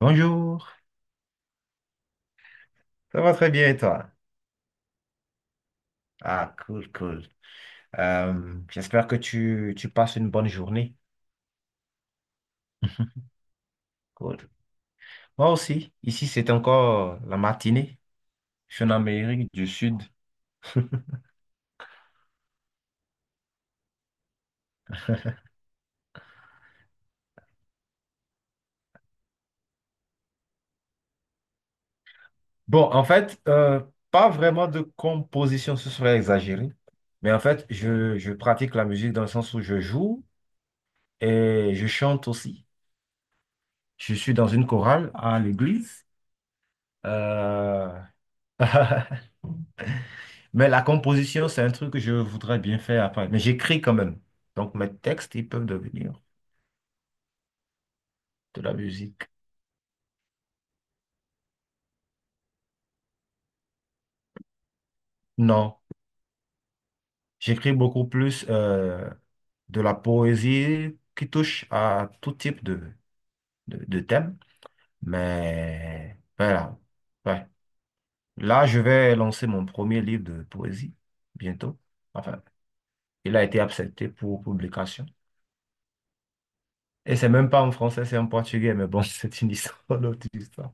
Bonjour, ça va très bien et toi? Ah, cool, cool. J'espère que tu passes une bonne journée. Cool. Moi aussi, ici c'est encore la matinée. Je suis en Amérique du Sud. Bon, en fait, pas vraiment de composition, ce serait exagéré. Mais en fait, je pratique la musique dans le sens où je joue et je chante aussi. Je suis dans une chorale à l'église. Euh, Mais la composition, c'est un truc que je voudrais bien faire après. Mais j'écris quand même. Donc mes textes, ils peuvent devenir de la musique. Non, j'écris beaucoup plus de la poésie qui touche à tout type de thème. Mais voilà. Ouais. Là, je vais lancer mon premier livre de poésie bientôt. Enfin, il a été accepté pour publication. Et c'est même pas en français, c'est en portugais. Mais bon, c'est une histoire, une autre histoire.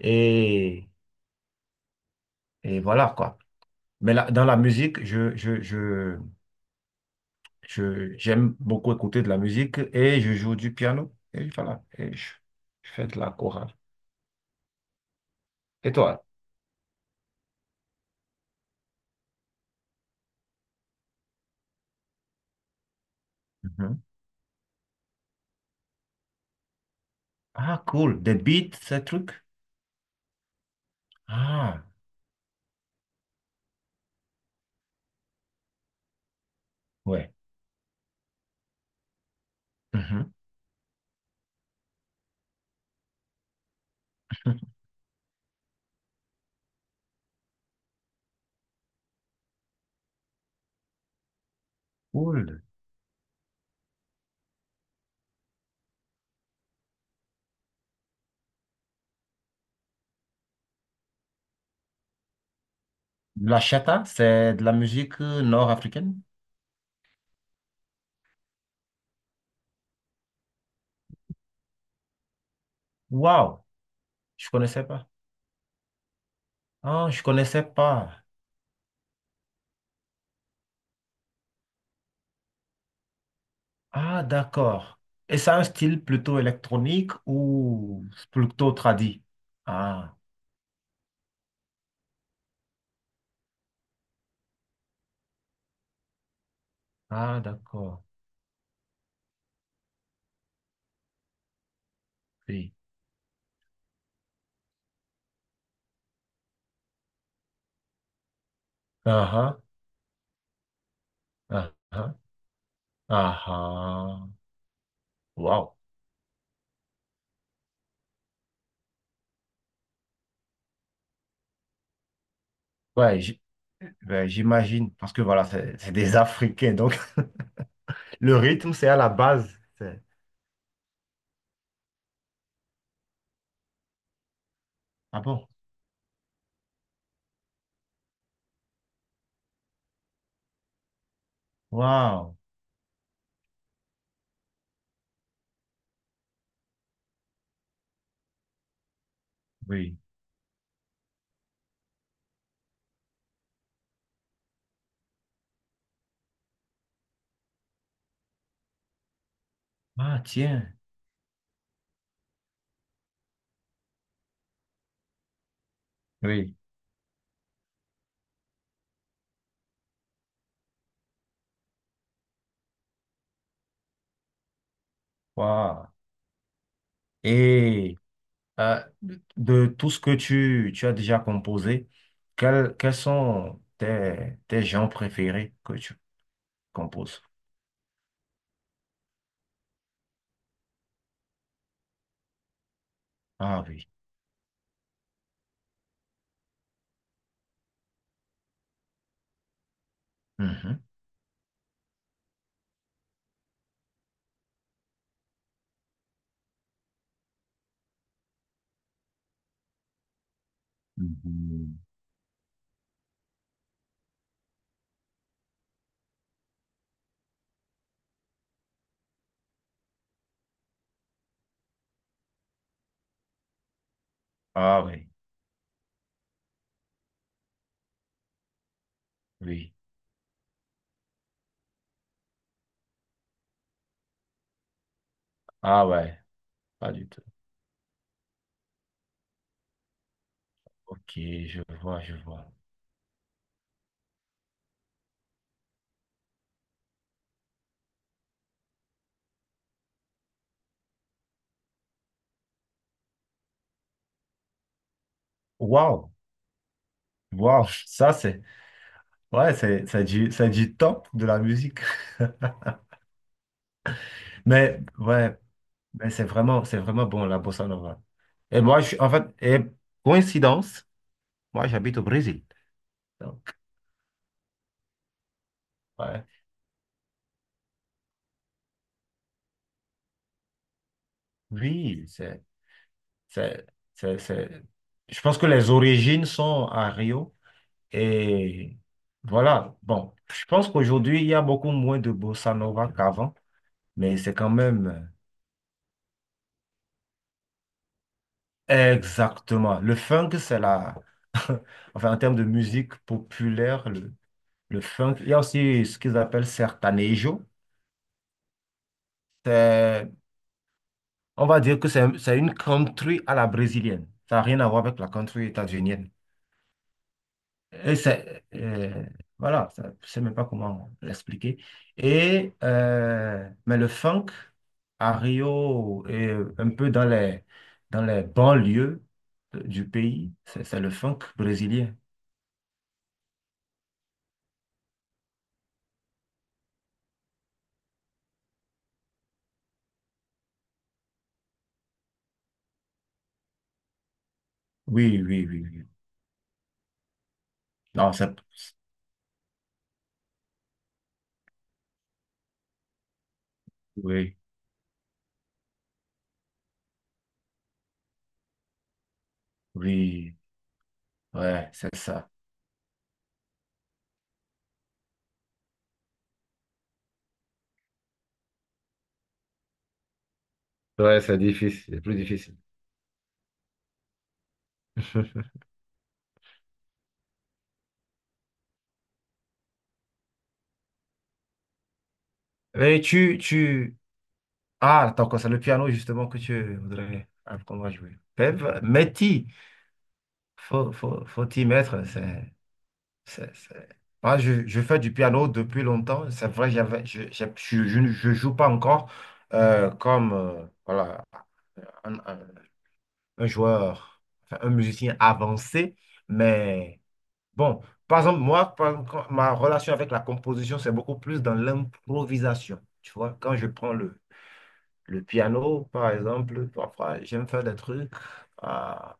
Et, et voilà quoi. Mais là, dans la musique, je j'aime beaucoup écouter de la musique et je joue du piano. Et voilà, je fais de la chorale. Et toi? Mhm. Ah, cool. Des beats, ces trucs? Ah, ouais. Mhm. Cool. La chata, c'est de la musique nord-africaine? Waouh, je connaissais pas. Ah, je connaissais pas. Ah, d'accord. Et c'est un style plutôt électronique ou plutôt tradi? Ah, ah, d'accord. Oui. Ah ah, ah ah, ah. Waouh. Ouais, ouais, j'imagine, parce que voilà, c'est des Africains, donc le rythme, c'est à la base. C'est- Ah bon? Waouh. Oui. Ah, tiens. Oui. Waouh. Et de tout ce que tu as déjà composé, quels sont tes, tes genres préférés que tu composes? Ah oui. Mhm. Mhm. Ah oui. Oui. Ah ouais. Pas du tout. Ok, je vois, je vois. Waouh, waouh, ça c'est, ouais, c'est du, c'est du top de la musique. Mais ouais, mais c'est vraiment bon la bossa nova. Et moi, je suis, en fait, et coïncidence, moi j'habite au Brésil. Donc, ouais, oui, c'est, c'est, c'est- Je pense que les origines sont à Rio et voilà. Bon, je pense qu'aujourd'hui il y a beaucoup moins de bossa nova qu'avant, mais c'est quand même. Exactement. Le funk, c'est la... enfin, en termes de musique populaire, le funk, il y a aussi ce qu'ils appellent sertanejo. C'est- On va dire que c'est une country à la brésilienne. Ça n'a rien à voir avec la country états-unienne. Et c'est... voilà, je ne sais même pas comment l'expliquer. Et... mais le funk, à Rio et un peu dans les banlieues du pays, c'est le funk brésilien. Oui, oui, oui, oui. Non, ça, oui, oui, ouais, c'est ça. Ouais, c'est difficile, c'est plus difficile. Mais ah, t'as encore ça, le piano, justement, que tu voudrais apprendre à jouer. Mais, mais t'y- faut t'y mettre, c'est, c'est- Moi, je fais du piano depuis longtemps, c'est vrai, j'avais, je ne- je joue pas encore comme, voilà, un, un- un joueur, enfin, un musicien avancé, mais Bon, par exemple, moi, par exemple, ma relation avec la composition, c'est beaucoup plus dans l'improvisation. Tu vois, quand je prends le piano, par exemple, parfois, j'aime faire des trucs à,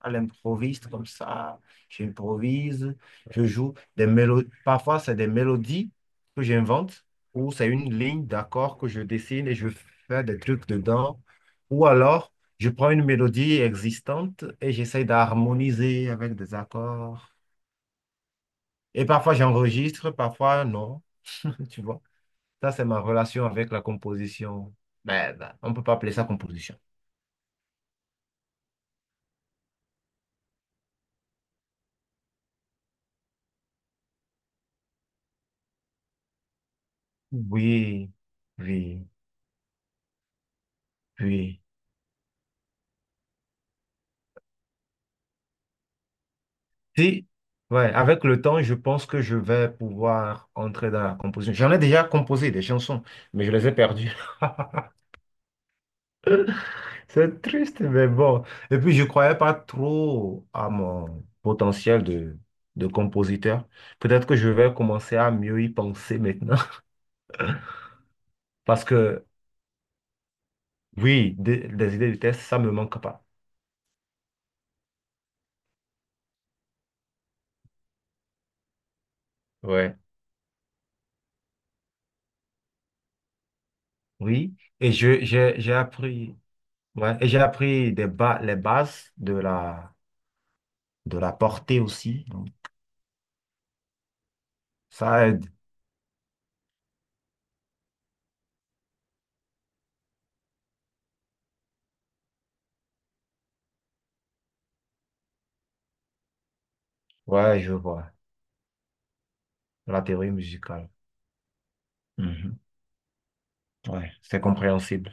à l'improviste, comme ça. J'improvise, je joue des mélodies. Parfois, c'est des mélodies que j'invente, ou c'est une ligne d'accords que je dessine et je fais des trucs dedans. Ou alors, je prends une mélodie existante et j'essaie d'harmoniser avec des accords. Et parfois j'enregistre, parfois non. Tu vois, ça c'est ma relation avec la composition. Mais ben, on ne peut pas appeler ça composition. Oui, oui, oui. Si, ouais, avec le temps, je pense que je vais pouvoir entrer dans la composition. J'en ai déjà composé des chansons, mais je les ai perdues. C'est triste, mais bon. Et puis, je ne croyais pas trop à mon potentiel de compositeur. Peut-être que je vais commencer à mieux y penser maintenant. Parce que Oui, des idées de test, ça me manque pas. Ouais. Oui, et j'ai appris, ouais, et j'ai appris les bases de la portée aussi. Donc, ça aide. Ouais, je vois. La théorie musicale. Mhm. Ouais, c'est compréhensible.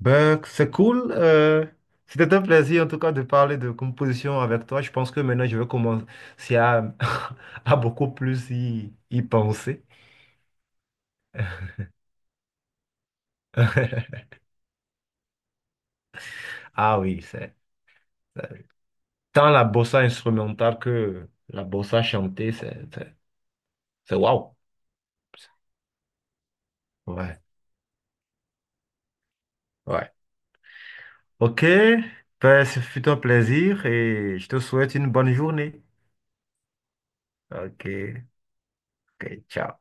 Ben, c'est cool. C'était un plaisir en tout cas de parler de composition avec toi. Je pense que maintenant je vais commencer à, à beaucoup plus y penser. Ah oui, c'est. Tant la bossa instrumentale que la bossa chantée, c'est waouh. Ouais, ouais. Ok, ben, ce fut un plaisir et je te souhaite une bonne journée. Ok, ok, ciao.